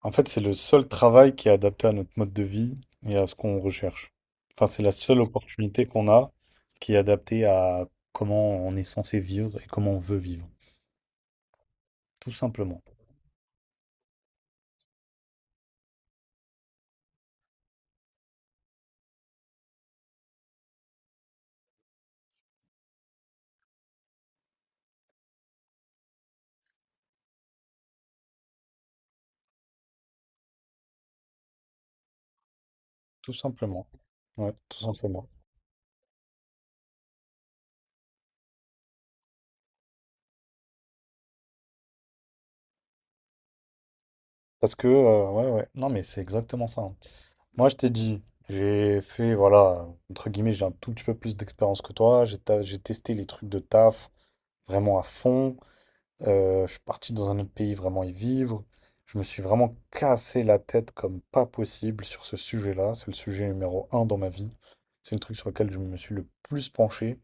En fait, c'est le seul travail qui est adapté à notre mode de vie et à ce qu'on recherche. Enfin, c'est la seule opportunité qu'on a qui est adaptée à comment on est censé vivre et comment on veut vivre. Tout simplement. Tout simplement. Ouais, tout simplement. Parce que, ouais, ouais. Non, mais c'est exactement ça, hein. Moi, je t'ai dit, j'ai fait, voilà, entre guillemets, j'ai un tout petit peu plus d'expérience que toi. J'ai testé les trucs de taf vraiment à fond. Je suis parti dans un autre pays vraiment y vivre. Je me suis vraiment cassé la tête comme pas possible sur ce sujet-là. C'est le sujet numéro un dans ma vie. C'est le truc sur lequel je me suis le plus penché.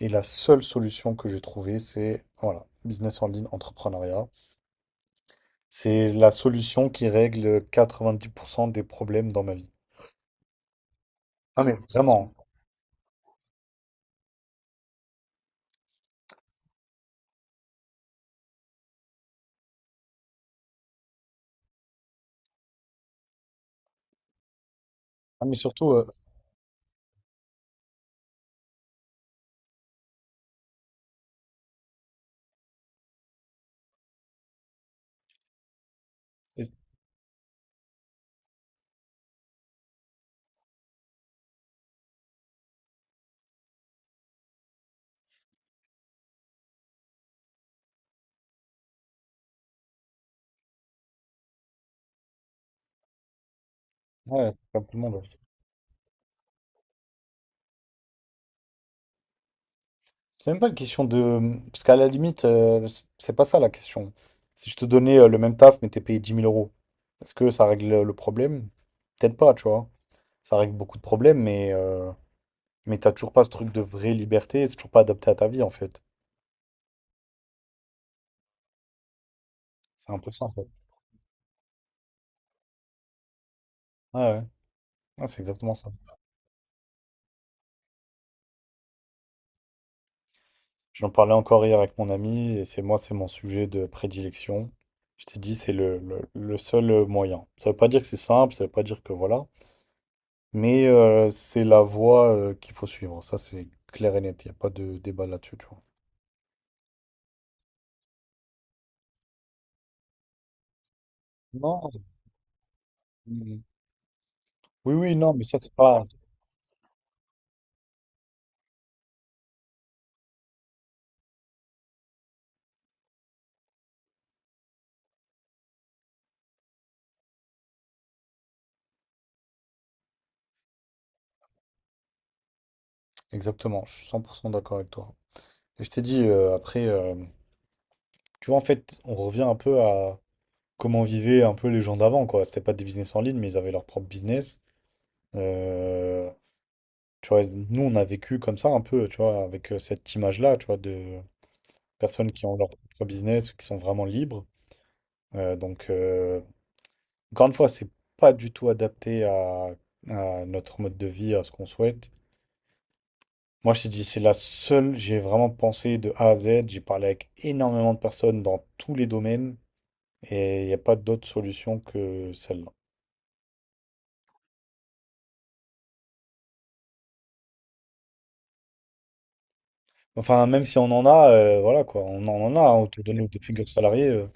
Et la seule solution que j'ai trouvée, c'est voilà, business en ligne, entrepreneuriat. C'est la solution qui règle 90% des problèmes dans ma vie. Ah mais vraiment. Ah mais surtout, et- ouais, comme tout le monde. C'est même pas une question de... Parce qu'à la limite, c'est pas ça la question. Si je te donnais le même taf, mais t'es payé dix mille euros, est-ce que ça règle le problème? Peut-être pas, tu vois. Ça règle beaucoup de problèmes, mais t'as toujours pas ce truc de vraie liberté, c'est toujours pas adapté à ta vie, en fait. C'est un peu ça, en fait. Ouais, ouais. Ouais, c'est exactement ça. J'en parlais encore hier avec mon ami, et c'est moi, c'est mon sujet de prédilection. Je t'ai dit, c'est le seul moyen. Ça veut pas dire que c'est simple, ça veut pas dire que voilà. Mais c'est la voie qu'il faut suivre. Ça, c'est clair et net. Il n'y a pas de débat là-dessus, tu vois. Non. mm, Oui, oui, non, mais ça, c'est pas... Exactement, je suis 100% d'accord avec toi. Et je t'ai dit, après, tu vois, en fait, on revient un peu à comment vivaient un peu les gens d'avant, quoi. C'était pas des business en ligne, mais ils avaient leur propre business. Euh, Tu vois, nous, on a vécu comme ça un peu, tu vois, avec cette image-là, tu vois, de personnes qui ont leur propre business, qui sont vraiment libres. Euh, donc, euh, Encore une fois, c'est pas du tout adapté à notre mode de vie, à ce qu'on souhaite. Moi, je t'ai dit, c'est la seule, j'ai vraiment pensé de A à Z, j'ai parlé avec énormément de personnes dans tous les domaines, et il n'y a pas d'autre solution que celle-là. Enfin, même si on en a, voilà quoi, on en a hein, autour de nous, des figures salariées,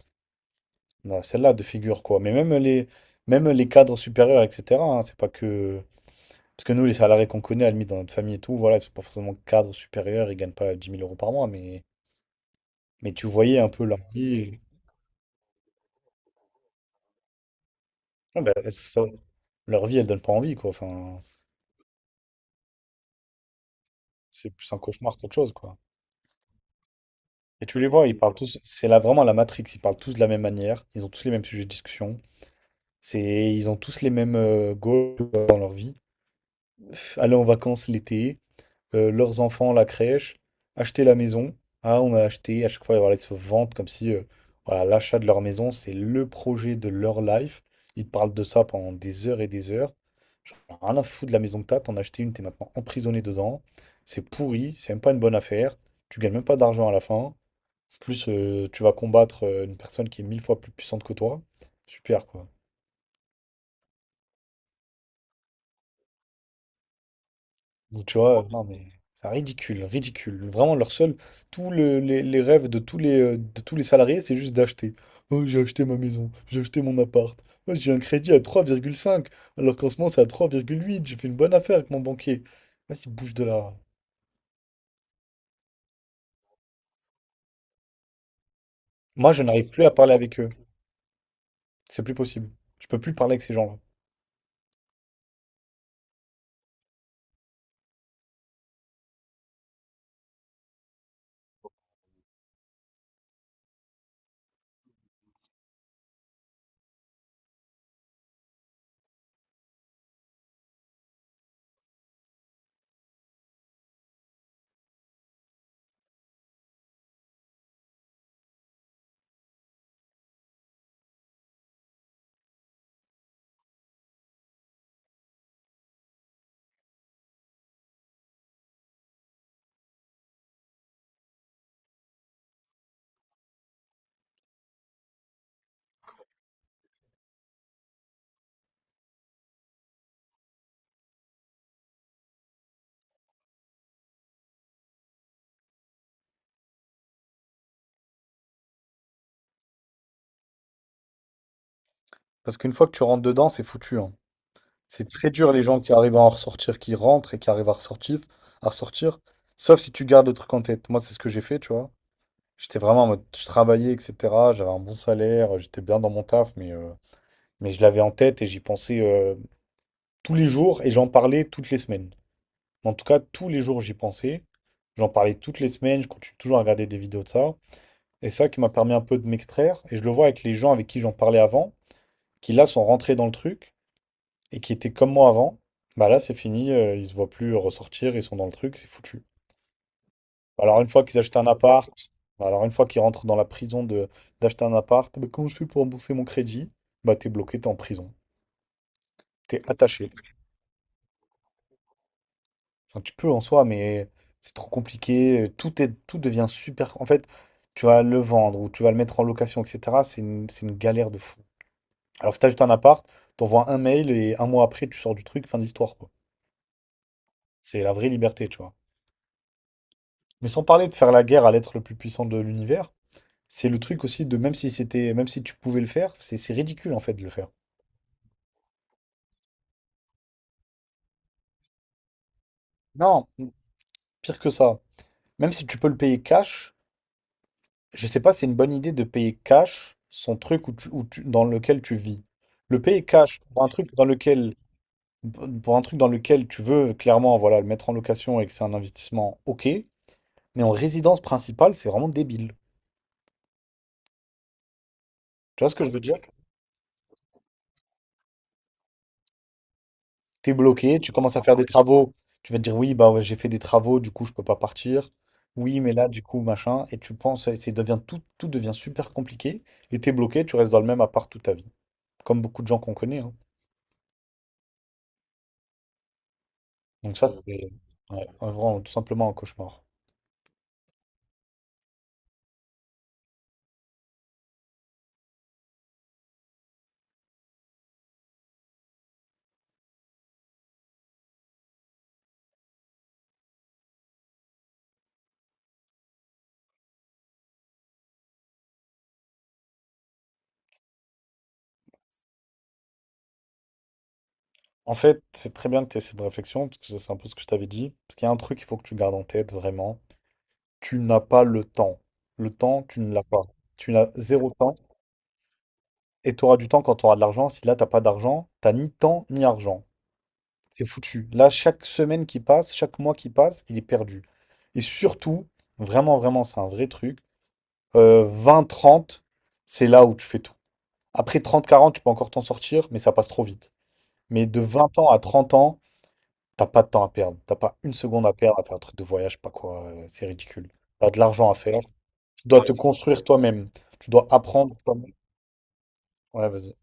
on a celle-là de figure quoi. Mais même les cadres supérieurs, etc., hein, c'est pas que. Parce que nous, les salariés qu'on connaît, à la limite, dans notre famille et tout, voilà, ils sont pas forcément cadres supérieurs, ils gagnent pas 10 000 € par mois, mais. Mais tu voyais un peu leur vie. Non, leur vie, elle donne pas envie, quoi. Enfin, c'est plus un cauchemar qu'autre chose, quoi. Et tu les vois, ils parlent tous. C'est là vraiment la Matrix. Ils parlent tous de la même manière. Ils ont tous les mêmes sujets de discussion. C'est, ils ont tous les mêmes goals dans leur vie. Aller en vacances l'été, leurs enfants, la crèche, acheter la maison. Ah, on a acheté, à chaque fois, voilà, ils se vantent comme si voilà, l'achat de leur maison, c'est le projet de leur life. Ils te parlent de ça pendant des heures et des heures. J'en ai rien à foutre de la maison que t'as, t'en as acheté une, t'es maintenant emprisonné dedans. C'est pourri, c'est même pas une bonne affaire. Tu gagnes même pas d'argent à la fin. Plus tu vas combattre une personne qui est mille fois plus puissante que toi. Super, quoi. Donc, tu vois, non mais c'est ridicule, ridicule. Vraiment, tous les rêves de de tous les salariés, c'est juste d'acheter. Oh, j'ai acheté ma maison, j'ai acheté mon appart. Oh, j'ai un crédit à 3,5, alors qu'en ce moment c'est à 3,8. J'ai fait une bonne affaire avec mon banquier. Vas-y, bouge de là. Moi, je n'arrive plus à parler avec eux. C'est plus possible. Je peux plus parler avec ces gens-là. Parce qu'une fois que tu rentres dedans, c'est foutu, hein. C'est très dur les gens qui arrivent à en ressortir, qui rentrent et qui arrivent à ressortir. Sauf si tu gardes le truc en tête. Moi, c'est ce que j'ai fait, tu vois. J'étais vraiment en mode, je travaillais, etc. J'avais un bon salaire, j'étais bien dans mon taf, mais je l'avais en tête et j'y pensais tous les jours et j'en parlais toutes les semaines. En tout cas, tous les jours, j'y pensais. J'en parlais toutes les semaines, je continue toujours à regarder des vidéos de ça. Et ça qui m'a permis un peu de m'extraire. Et je le vois avec les gens avec qui j'en parlais avant, qui là sont rentrés dans le truc et qui étaient comme moi avant. Bah là, c'est fini, ils se voient plus ressortir, ils sont dans le truc, c'est foutu. Alors une fois qu'ils achètent un appart, alors une fois qu'ils rentrent dans la prison de d'acheter un appart, bah, comment je fais pour rembourser mon crédit? Bah t'es bloqué, t'es en prison, t'es attaché. Enfin, tu peux en soi, mais c'est trop compliqué. Tout devient super. En fait, tu vas le vendre ou tu vas le mettre en location, etc. C'est une galère de fou. Alors que si t'achètes un appart, t'envoies un mail et un mois après tu sors du truc, fin de l'histoire, quoi. C'est la vraie liberté, tu vois. Mais sans parler de faire la guerre à l'être le plus puissant de l'univers, c'est le truc aussi de même si c'était, même si tu pouvais le faire, c'est ridicule en fait de le faire. Non, pire que ça. Même si tu peux le payer cash, je sais pas, c'est une bonne idée de payer cash son truc dans lequel tu vis. Le payer cash pour un truc dans lequel tu veux clairement, voilà, le mettre en location et que c'est un investissement, ok. Mais en résidence principale, c'est vraiment débile. Tu vois ce que je veux dire? T'es bloqué, tu commences à faire des travaux. Tu vas te dire oui, bah ouais, j'ai fait des travaux, du coup je peux pas partir. Oui, mais là, du coup, machin. Et tu penses, et c'est devient tout devient super compliqué. Et t'es bloqué, tu restes dans le même appart toute ta vie, comme beaucoup de gens qu'on connaît, hein. Donc ça, c'est ouais, vraiment tout simplement un cauchemar. En fait, c'est très bien que tu aies cette réflexion, parce que ça, c'est un peu ce que je t'avais dit. Parce qu'il y a un truc qu'il faut que tu gardes en tête, vraiment. Tu n'as pas le temps. Le temps, tu ne l'as pas. Tu n'as zéro temps. Et tu auras du temps quand tu auras de l'argent. Si là, t'as pas d'argent, t'as ni temps ni argent. C'est foutu. Là, chaque semaine qui passe, chaque mois qui passe, il est perdu. Et surtout, vraiment, vraiment, c'est un vrai truc. Vingt, trente, c'est là où tu fais tout. Après trente quarante, tu peux encore t'en sortir, mais ça passe trop vite. Mais de 20 ans à 30 ans, t'as pas de temps à perdre. T'as pas une seconde à perdre à faire un truc de voyage, je sais pas quoi. C'est ridicule. T'as de l'argent à faire. Tu dois te construire toi-même. Tu dois apprendre toi-même. Ouais, vas-y.